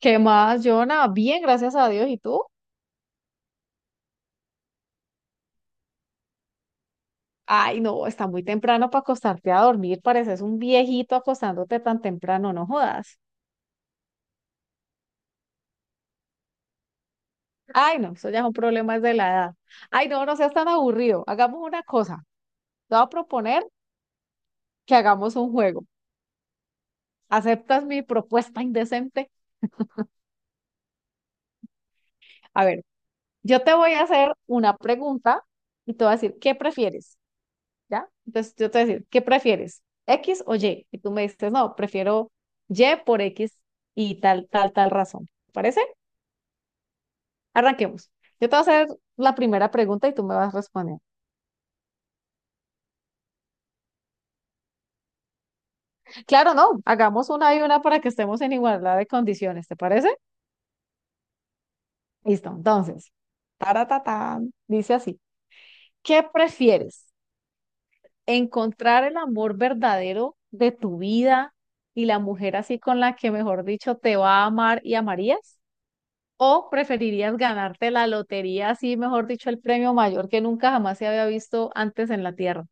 ¿Qué más, Jonah? Bien, gracias a Dios. ¿Y tú? Ay, no, está muy temprano para acostarte a dormir. Pareces un viejito acostándote tan temprano, no jodas. Ay, no, eso ya es un problema de la edad. Ay, no, no seas tan aburrido. Hagamos una cosa. Te voy a proponer que hagamos un juego. ¿Aceptas mi propuesta indecente? A ver, yo te voy a hacer una pregunta y te voy a decir, ¿qué prefieres? ¿Ya? Entonces yo te voy a decir, ¿qué prefieres? ¿X o Y? Y tú me dices, no, prefiero Y por X y tal, tal, tal razón. ¿Te parece? Arranquemos. Yo te voy a hacer la primera pregunta y tú me vas a responder. Claro, no, hagamos una y una para que estemos en igualdad de condiciones, ¿te parece? Listo, entonces, taratatán, dice así, ¿qué prefieres? ¿Encontrar el amor verdadero de tu vida y la mujer así con la que, mejor dicho, te va a amar y amarías? ¿O preferirías ganarte la lotería, así mejor dicho, el premio mayor que nunca jamás se había visto antes en la Tierra?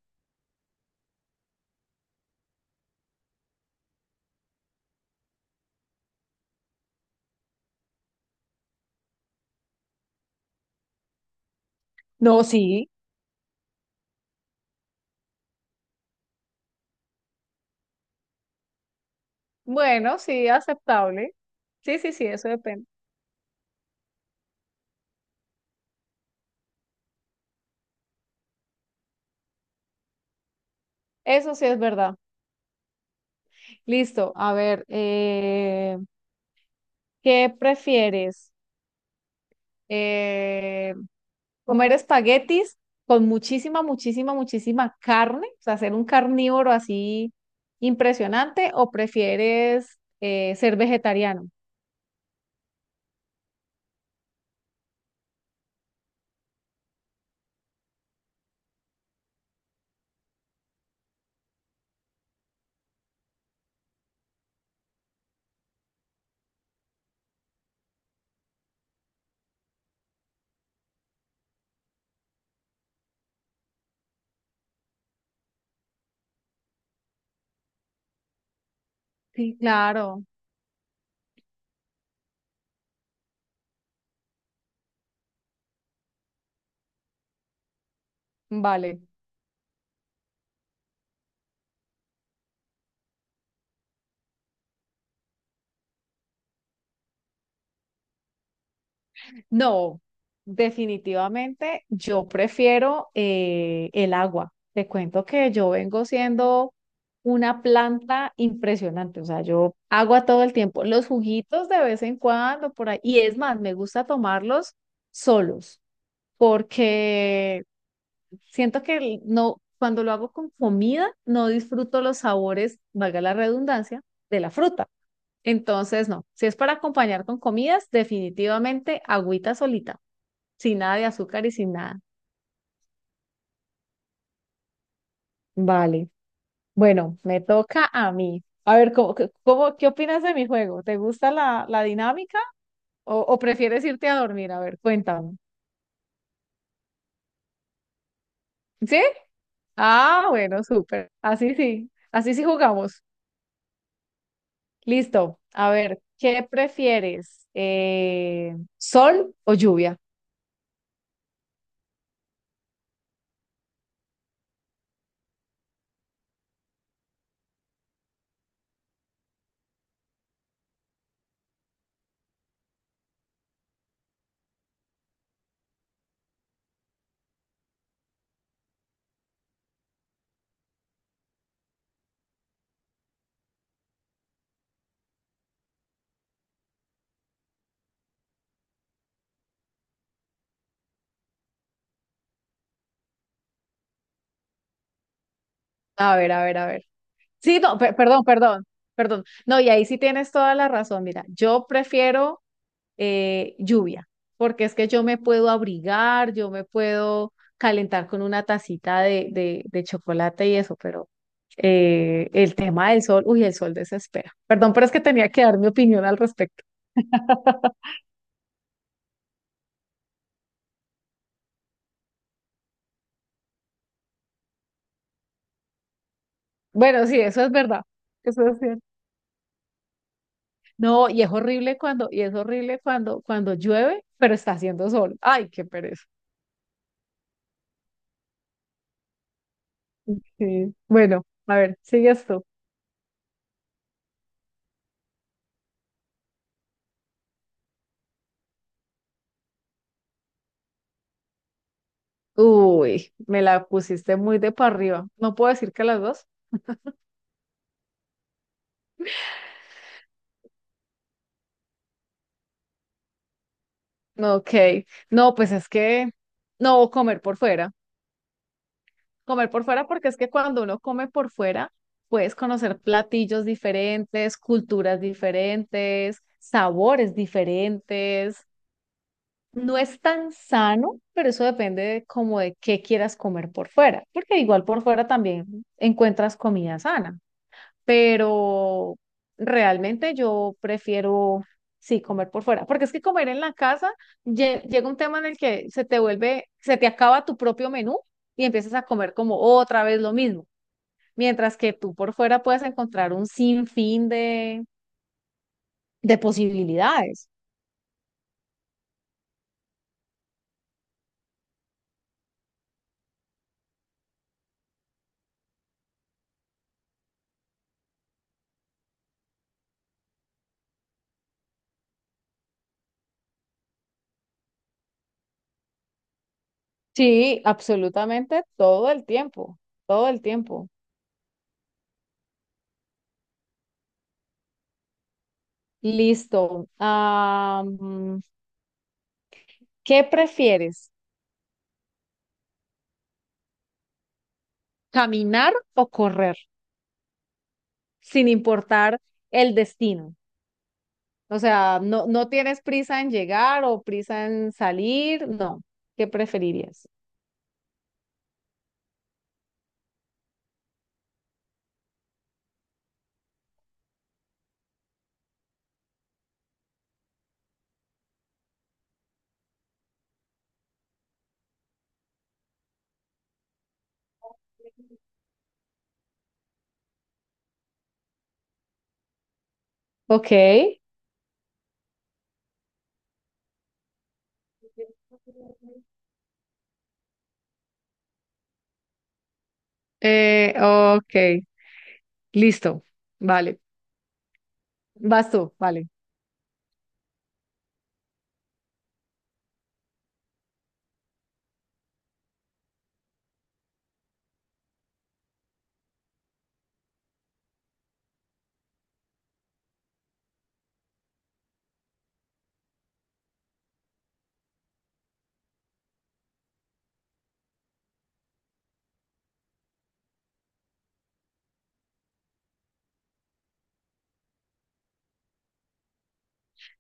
No, sí. Bueno, sí, aceptable. Sí, sí, sí, eso depende. Eso sí es verdad. Listo, a ver, ¿qué prefieres? Eh, ¿Comer espaguetis con muchísima, muchísima, muchísima carne? O sea, ser un carnívoro así impresionante, ¿o prefieres ser vegetariano? Sí, claro, vale. No, definitivamente yo prefiero el agua. Te cuento que yo vengo siendo una planta impresionante, o sea, yo agua todo el tiempo, los juguitos de vez en cuando por ahí, y es más, me gusta tomarlos solos, porque siento que no, cuando lo hago con comida, no disfruto los sabores, valga la redundancia, de la fruta. Entonces, no, si es para acompañar con comidas, definitivamente agüita solita. Sin nada de azúcar y sin nada. Vale. Bueno, me toca a mí. A ver, ¿cómo, qué opinas de mi juego? ¿Te gusta la dinámica o prefieres irte a dormir? A ver, cuéntame. ¿Sí? Ah, bueno, súper. Así sí. Así sí jugamos. Listo. A ver, ¿qué prefieres? ¿Sol o lluvia? A ver, a ver, a ver. Sí, no, perdón, perdón, perdón. No, y ahí sí tienes toda la razón. Mira, yo prefiero lluvia, porque es que yo me puedo abrigar, yo me puedo calentar con una tacita de chocolate y eso, pero el tema del sol, uy, el sol desespera. Perdón, pero es que tenía que dar mi opinión al respecto. Bueno, sí, eso es verdad. Eso es cierto. No, y es horrible cuando, y es horrible cuando, cuando llueve, pero está haciendo sol. Ay, qué pereza. Sí. Bueno, a ver, sigue esto. Uy, me la pusiste muy de para arriba. No puedo decir que las dos. Ok, no, pues es que no comer por fuera, comer por fuera porque es que cuando uno come por fuera puedes conocer platillos diferentes, culturas diferentes, sabores diferentes. No es tan sano, pero eso depende de como de qué quieras comer por fuera, porque igual por fuera también encuentras comida sana pero realmente yo prefiero, sí, comer por fuera, porque es que comer en la casa llega un tema en el que se te vuelve, se te acaba tu propio menú y empiezas a comer como otra vez lo mismo, mientras que tú por fuera puedes encontrar un sinfín de posibilidades. Sí, absolutamente todo el tiempo, todo el tiempo. Listo. Ah, ¿qué prefieres? ¿Caminar o correr? Sin importar el destino. O sea, no, no tienes prisa en llegar o prisa en salir, no. ¿Qué preferirías? Ok, ok, listo. Vale. Vas tú, vale.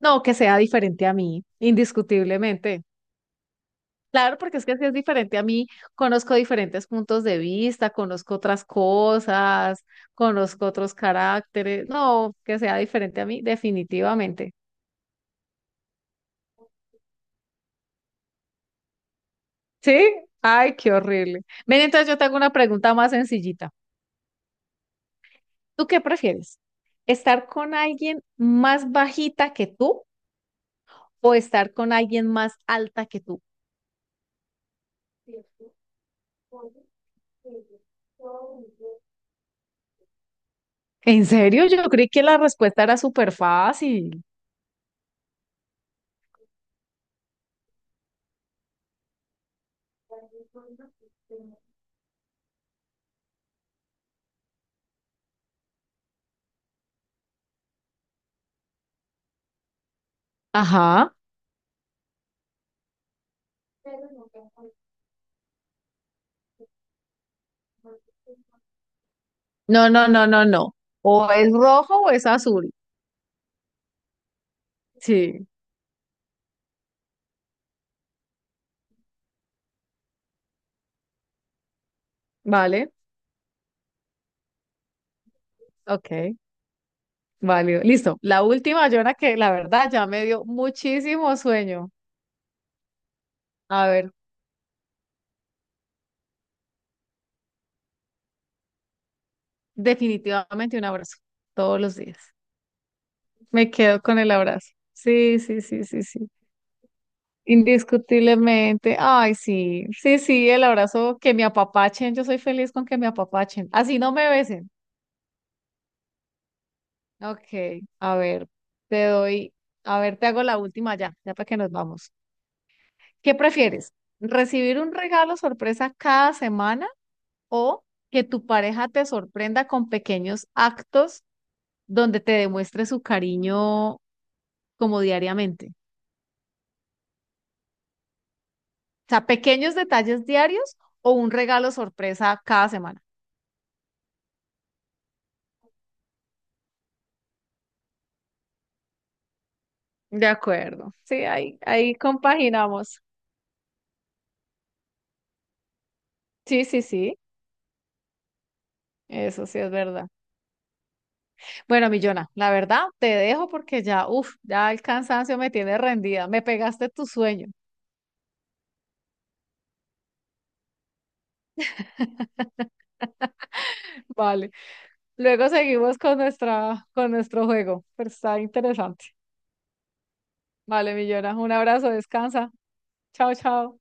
No, que sea diferente a mí, indiscutiblemente. Claro, porque es que si es diferente a mí, conozco diferentes puntos de vista, conozco otras cosas, conozco otros caracteres. No, que sea diferente a mí, definitivamente. ¿Sí? Ay, qué horrible. Ven, entonces yo te hago una pregunta más sencillita. ¿Tú qué prefieres? ¿Estar con alguien más bajita que tú o estar con alguien más alta que tú? ¿En serio? Yo creí que la respuesta era súper fácil. Ajá. No, no, no, no, no. O es rojo o es azul. Sí, vale. Ok. Válido. Listo. La última, Jonah, que la verdad ya me dio muchísimo sueño. A ver, definitivamente un abrazo todos los días. Me quedo con el abrazo. Sí, sí, sí, sí, sí. Indiscutiblemente. Ay, sí, sí, sí, el abrazo que me apapachen. Yo soy feliz con que me apapachen. Así no me besen. Ok, a ver, te doy, a ver, te hago la última ya, ya para que nos vamos. ¿Qué prefieres? ¿Recibir un regalo sorpresa cada semana? O que tu pareja te sorprenda con pequeños actos donde te demuestre su cariño como diariamente. O sea, pequeños detalles diarios o un regalo sorpresa cada semana. De acuerdo. Sí, ahí, ahí compaginamos. Sí, sí, sí. Eso sí es verdad. Bueno, Millona, la verdad te dejo porque ya, uff, ya el cansancio me tiene rendida. Me pegaste tu sueño. Vale. Luego seguimos con nuestra, con nuestro juego, pero está interesante. Vale, mi Jonah, un abrazo, descansa. Chao, chao.